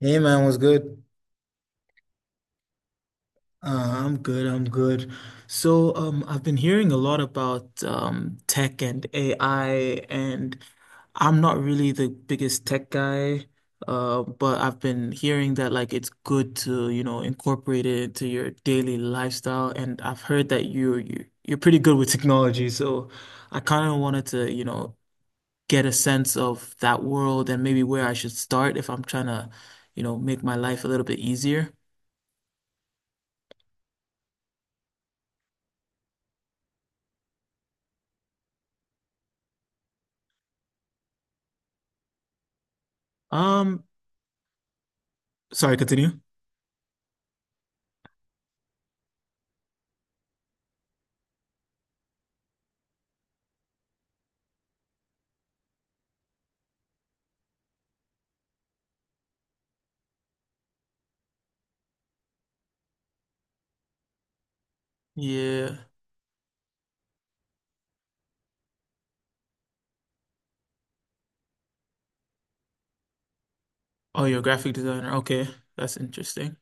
Hey man, what's good? I'm good. I've been hearing a lot about tech and AI, and I'm not really the biggest tech guy, but I've been hearing that like it's good to, you know, incorporate it into your daily lifestyle, and I've heard that you're pretty good with technology, so I kind of wanted to, get a sense of that world and maybe where I should start if I'm trying to, make my life a little bit easier. Um, Sorry, continue. Yeah. Oh, you're a graphic designer. Okay. That's interesting.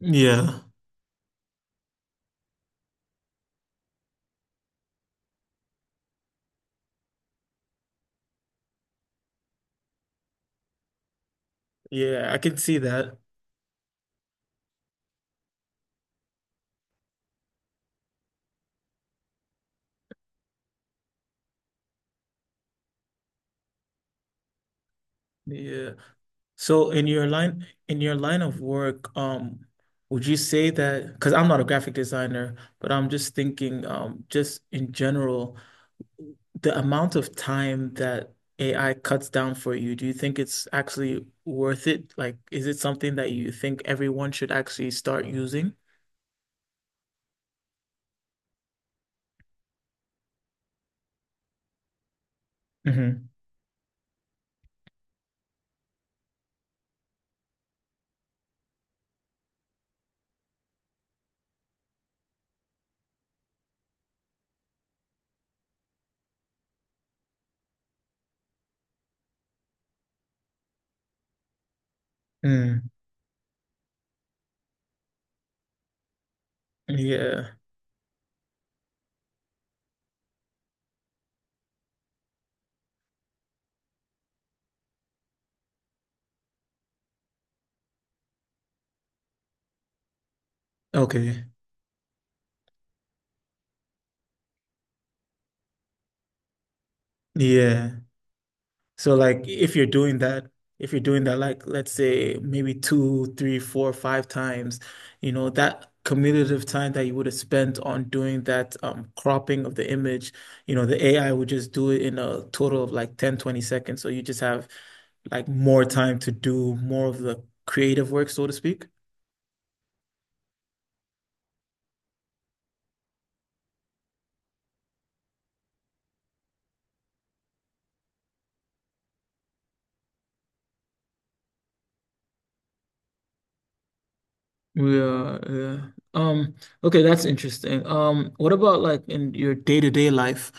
Yeah. Yeah, I can see that. Yeah. So in your line of work, would you say that because I'm not a graphic designer, but I'm just thinking, just in general, the amount of time that AI cuts down for you, do you think it's actually worth it? Like, is it something that you think everyone should actually start using? Mm-hmm. Mm. Yeah. Okay. Yeah. So like if you're doing that, if you're doing that like let's say maybe two, three, four, five times, you know, that commutative time that you would have spent on doing that cropping of the image, you know, the AI would just do it in a total of like 10, 20 seconds. So you just have like more time to do more of the creative work, so to speak. Yeah, yeah. Okay, that's interesting. What about like in your day-to-day life?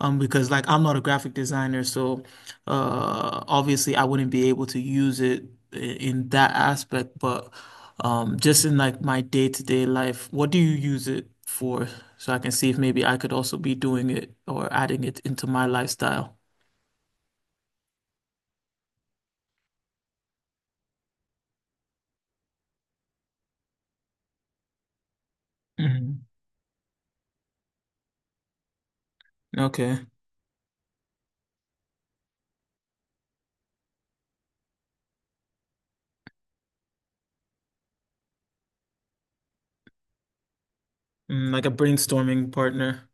Because like I'm not a graphic designer, so obviously I wouldn't be able to use it in that aspect, but just in like my day-to-day life, what do you use it for? So I can see if maybe I could also be doing it or adding it into my lifestyle. Hmm. Okay. Mm, like a brainstorming partner.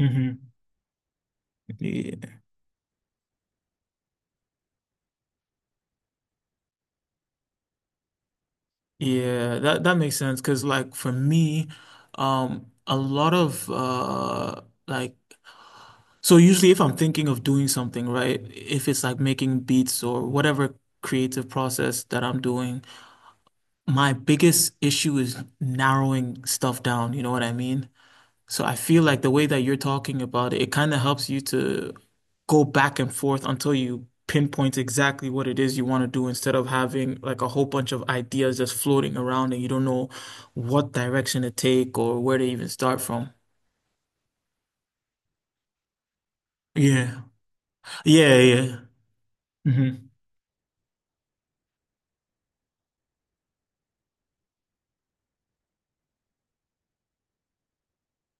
Hmm. Yeah. Yeah, that makes sense because like for me, a lot of like so usually if I'm thinking of doing something, right, if it's like making beats or whatever creative process that I'm doing, my biggest issue is narrowing stuff down, you know what I mean? So I feel like the way that you're talking about it, it kind of helps you to go back and forth until you pinpoint exactly what it is you want to do instead of having like a whole bunch of ideas just floating around and you don't know what direction to take or where to even start from. Yeah. Yeah, yeah. Hmm.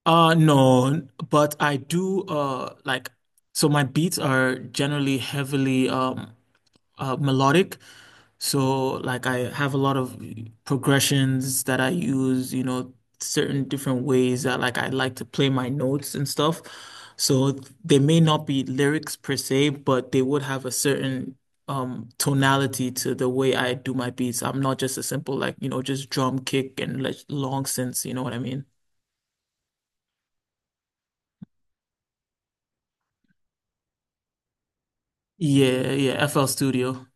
No, but I do like so my beats are generally heavily melodic. So like I have a lot of progressions that I use, you know, certain different ways that like I like to play my notes and stuff. So they may not be lyrics per se, but they would have a certain tonality to the way I do my beats. I'm not just a simple like, you know, just drum kick and like long synths, you know what I mean? Yeah, yeah, FL Studio.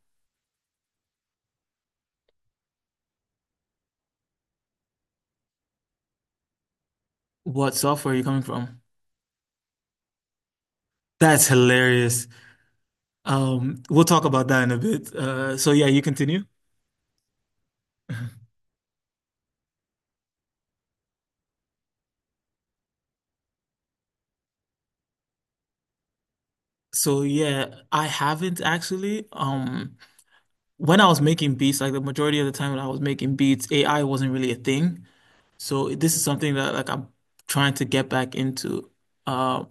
What software are you coming from? That's hilarious. We'll talk about that in a bit. So yeah, you continue. So yeah, I haven't actually. When I was making beats, like the majority of the time when I was making beats, AI wasn't really a thing. So this is something that like I'm trying to get back into. Um,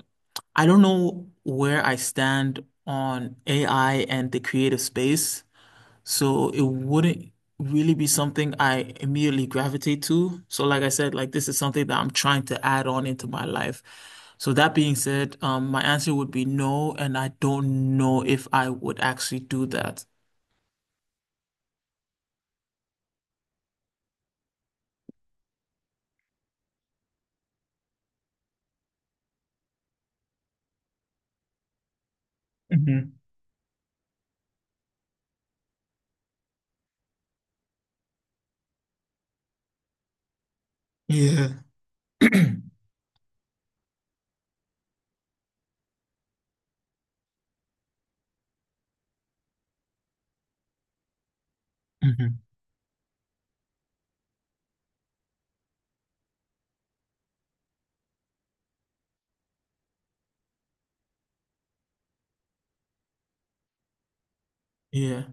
I don't know where I stand on AI and the creative space. So it wouldn't really be something I immediately gravitate to. So like I said, like this is something that I'm trying to add on into my life. So that being said, my answer would be no, and I don't know if I would actually do that. Hmm. Yeah. Hmm. Yeah.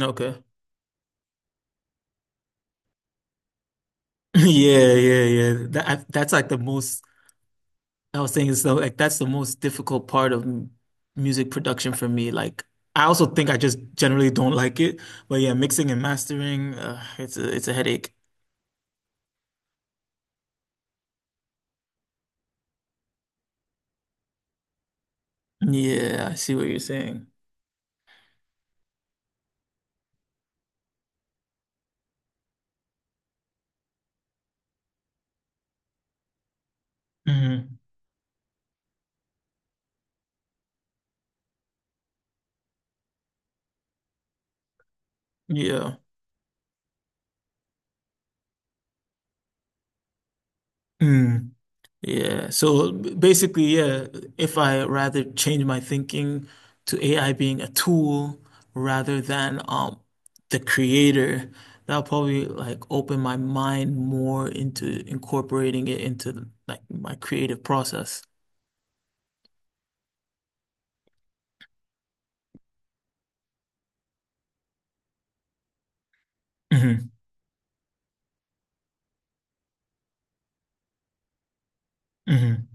Okay. Yeah, yeah, yeah. That's like the most I was saying so like that's the most difficult part of music production for me. Like I also think I just generally don't like it, but yeah, mixing and mastering, it's a headache. Yeah, I see what you're saying. Hmm. Yeah. Mm. Yeah. So basically, yeah, if I rather change my thinking to AI being a tool rather than the creator, that'll probably like open my mind more into incorporating it into like my creative process. Hmm. Hmm.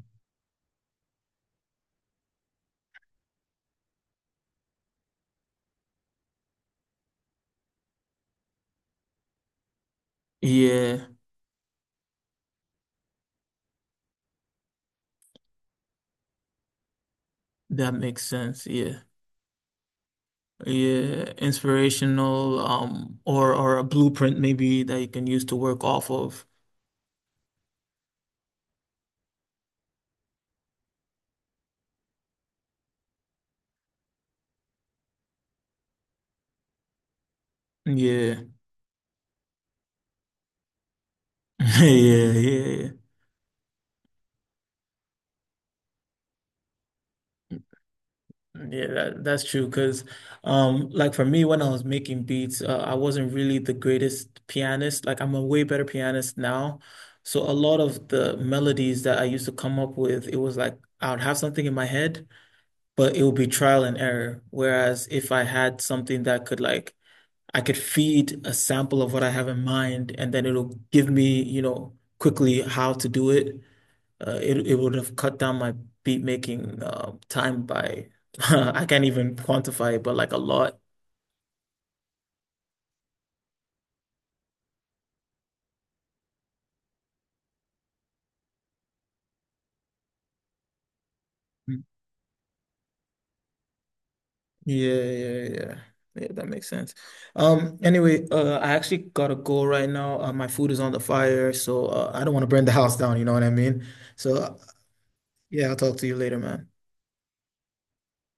Yeah, that makes sense. Yeah. Yeah, inspirational or a blueprint maybe that you can use to work off of. Yeah. Yeah, yeah, yeah. Yeah, that's true. Because, like for me, when I was making beats, I wasn't really the greatest pianist. Like I'm a way better pianist now. So a lot of the melodies that I used to come up with, it was like I would have something in my head, but it would be trial and error. Whereas if I had something that could like I could feed a sample of what I have in mind, and then it'll give me, you know, quickly how to do it. It would have cut down my beat making time by I can't even quantify it, but like a lot. Mm. Yeah, yeah, yeah. Yeah, that makes sense. Anyway, I actually gotta go right now. My food is on the fire, so I don't want to burn the house down. You know what I mean? So yeah, I'll talk to you later, man.